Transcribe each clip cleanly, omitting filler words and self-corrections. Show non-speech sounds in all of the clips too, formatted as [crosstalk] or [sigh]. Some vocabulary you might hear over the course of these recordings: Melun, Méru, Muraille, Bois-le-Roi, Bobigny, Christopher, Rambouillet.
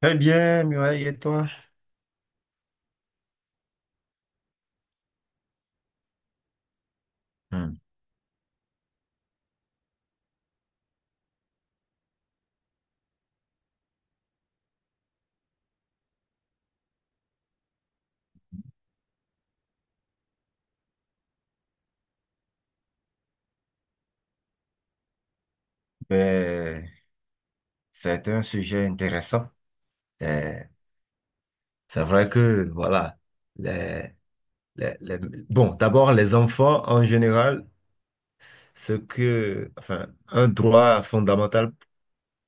Très bien, Muraille, et toi? Hmm. Ben, c'est un sujet intéressant. Euh, c'est vrai que, voilà, les, les- les- bon, d'abord, les enfants en général, ce que, enfin, un droit fondamental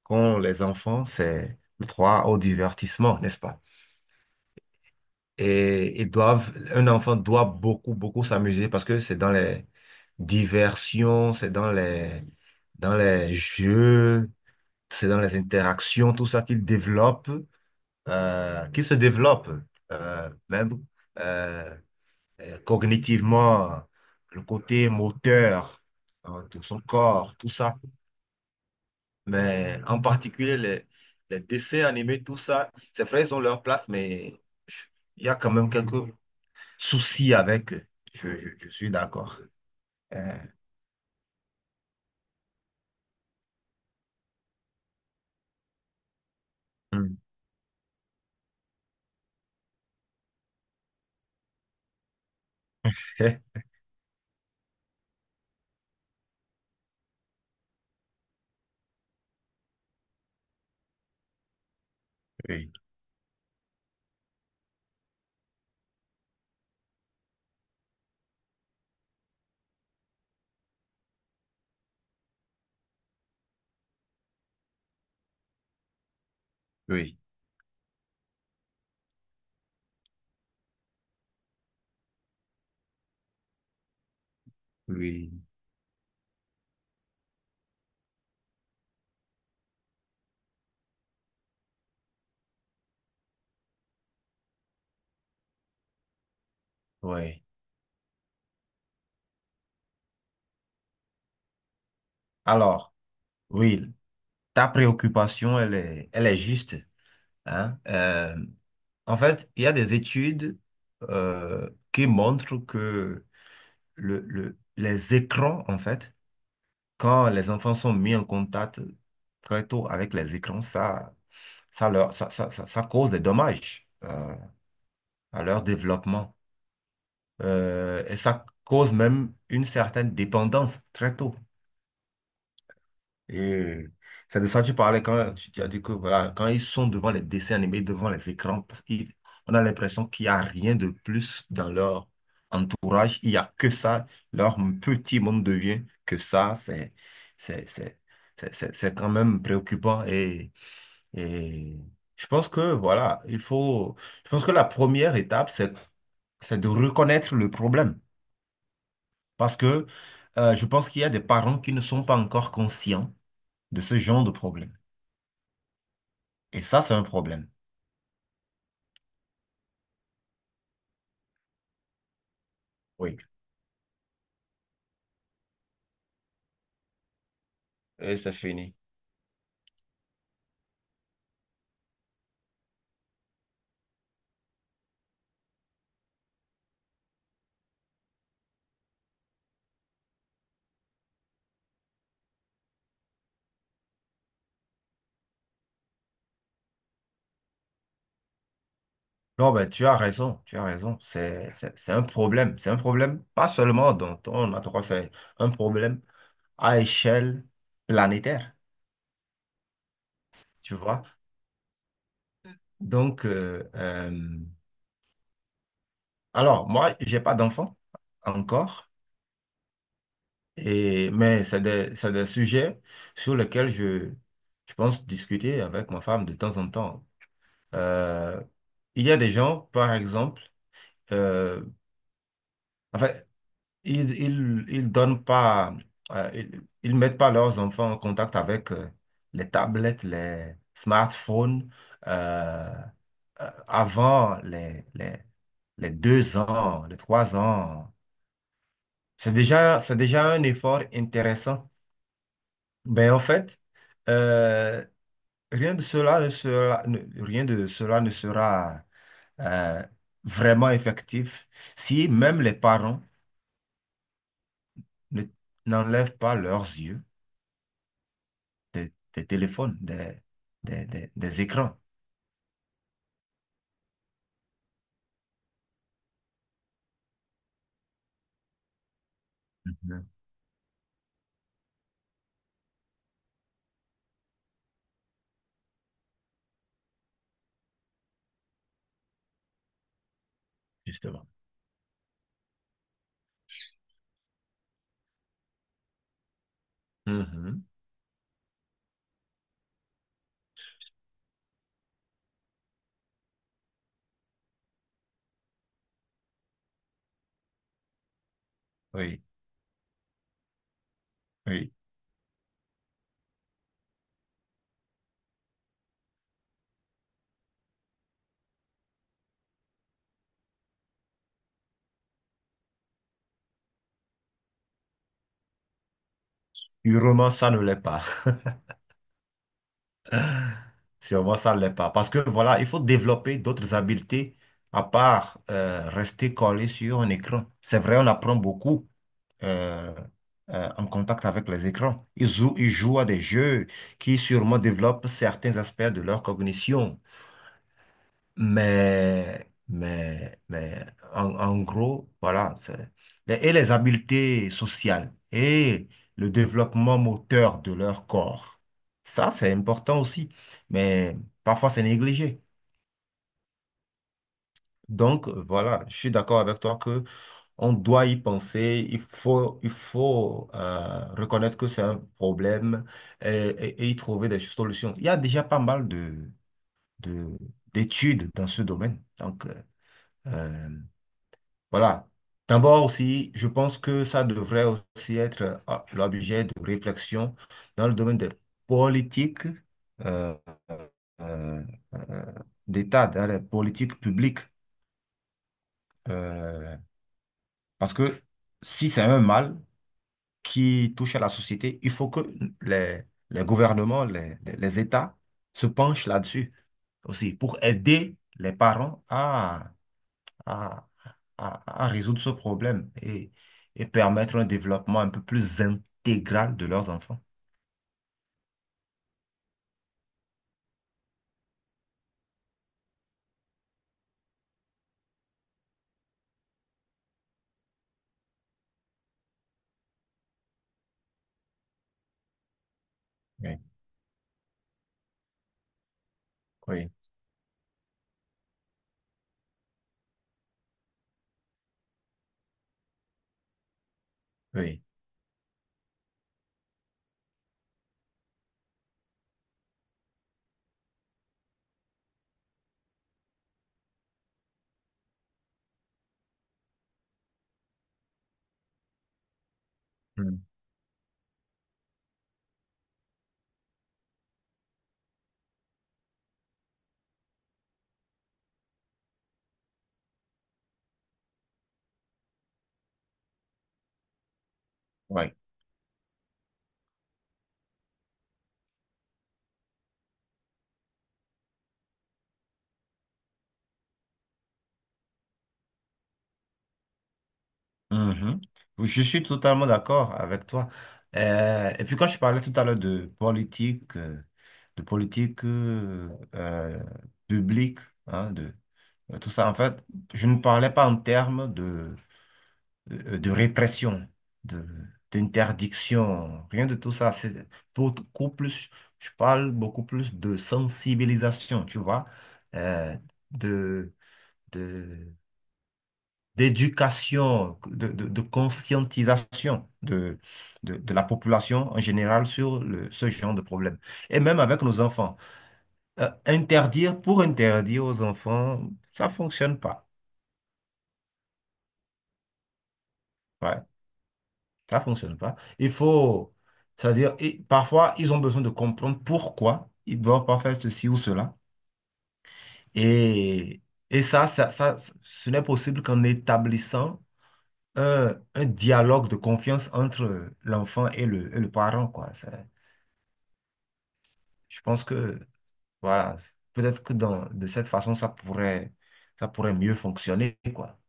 qu'ont les enfants, c'est le droit au divertissement, n'est-ce pas? Et ils doivent, un enfant doit beaucoup, beaucoup s'amuser parce que c'est dans les diversions, c'est dans les jeux, c'est dans les interactions, tout ça qu'il développe, qu'il se développe, même euh, cognitivement, le côté moteur, hein, de son corps, tout ça. Mais en particulier, les dessins animés, tout ça, c'est vrai, ils ont leur place, mais je- il y a quand même quelques soucis avec eux. Je suis d'accord. Euh, Hmm. [laughs] Oui, oui, oui, oui. Alors, oui, ta préoccupation, elle est juste, hein. En fait, il y a des études qui montrent que les écrans, en fait, quand les enfants sont mis en contact très tôt avec les écrans, ça, leur, ça- ça cause des dommages, à leur développement. Et ça cause même une certaine dépendance très tôt. Et c'est de ça que tu parlais quand tu as dit que voilà, quand ils sont devant les dessins animés, devant les écrans, on a l'impression qu'il n'y a rien de plus dans leur entourage. Il n'y a que ça. Leur petit monde devient que ça. C'est, c'est, c'est quand même préoccupant. Et je pense que voilà, il faut. Je pense que la première étape, c'est de reconnaître le problème. Parce que je pense qu'il y a des parents qui ne sont pas encore conscients de ce genre de problème. Et ça, c'est un problème. Oui. Et c'est fini. Non, ben, tu as raison, tu as raison. C'est un problème. C'est un problème, pas seulement dans ton endroit, c'est un problème à échelle planétaire, tu vois. Donc, euh, euh, alors, moi, j'ai pas d'enfant encore, et mais c'est des sujets sur lesquels je pense discuter avec ma femme de temps en temps. Euh, il y a des gens, par exemple, euh, enfin, ils donnent pas, ils mettent pas leurs enfants en contact avec les tablettes, les smartphones. euh, Avant les deux ans, les trois ans. C'est déjà un effort intéressant. Mais en fait, euh, rien de cela ne sera, rien de cela ne sera euh, vraiment effectif si même les parents ne, n'enlèvent pas leurs yeux des téléphones, des écrans. Mhm. Justement. Mhm. Oui, oui. Sûrement, ça ne l'est pas. [laughs] Sûrement, ça ne l'est pas. Parce que voilà, il faut développer d'autres habiletés à part rester collé sur un écran. C'est vrai, on apprend beaucoup euh, en contact avec les écrans. Ils jouent à des jeux qui sûrement développent certains aspects de leur cognition. Mais en, en gros, voilà. Et les habiletés sociales et le développement moteur de leur corps. Ça, c'est important aussi. Mais parfois, c'est négligé. Donc, voilà, je suis d'accord avec toi que on doit y penser. Il faut reconnaître que c'est un problème et, et y trouver des solutions. Il y a déjà pas mal de, de- d'études dans ce domaine. Euh, Voilà. D'abord aussi, je pense que ça devrait aussi être l'objet de réflexion dans le domaine des politiques euh, euh, euh, d'État, dans les politiques publiques. Euh, parce que si c'est un mal qui touche à la société, il faut que les, les gouvernements, les États se penchent là-dessus aussi pour aider les parents à, à résoudre ce problème et permettre un développement un peu plus intégral de leurs enfants. Oui, oui, oui. Mm. Oui. Mhm. Oui, je suis totalement d'accord avec toi. Et puis quand je parlais tout à l'heure de politique, de politique euh, publique, hein, de tout ça, en fait, je ne parlais pas en termes de répression, de, d'interdiction, rien de tout ça. C'est beaucoup plus, je parle beaucoup plus de sensibilisation, tu vois, euh, de, de d'éducation, de conscientisation de la population en général sur ce genre de problème. Et même avec nos enfants. Interdire pour interdire aux enfants, ça ne fonctionne pas. Ouais, ça ne fonctionne pas. Il faut, c'est-à-dire, et parfois, ils ont besoin de comprendre pourquoi ils ne doivent pas faire ceci ou cela. Et, et ça, ça, ce n'est possible qu'en établissant un dialogue de confiance entre l'enfant et et le parent, quoi. Ça- Je pense que, voilà, peut-être que dans, de cette façon, ça pourrait mieux fonctionner, quoi.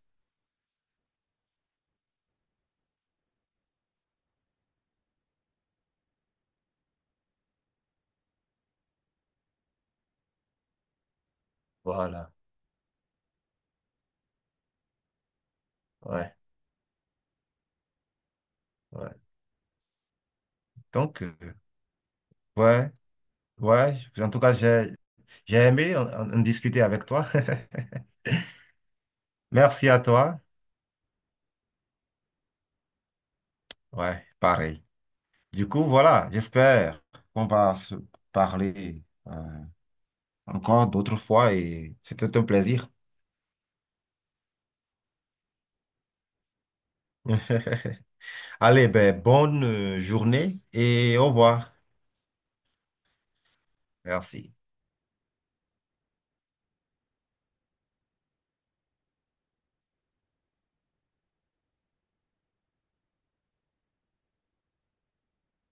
Voilà, ouais, ouais. Donc, euh, ouais, ouais, en tout cas, j'ai aimé en discuter avec toi. [laughs] Merci à toi. Ouais, pareil. Du coup, voilà, j'espère qu'on va se parler encore d'autres fois et c'était un plaisir. [laughs] Allez, ben, bonne journée et au revoir. Merci.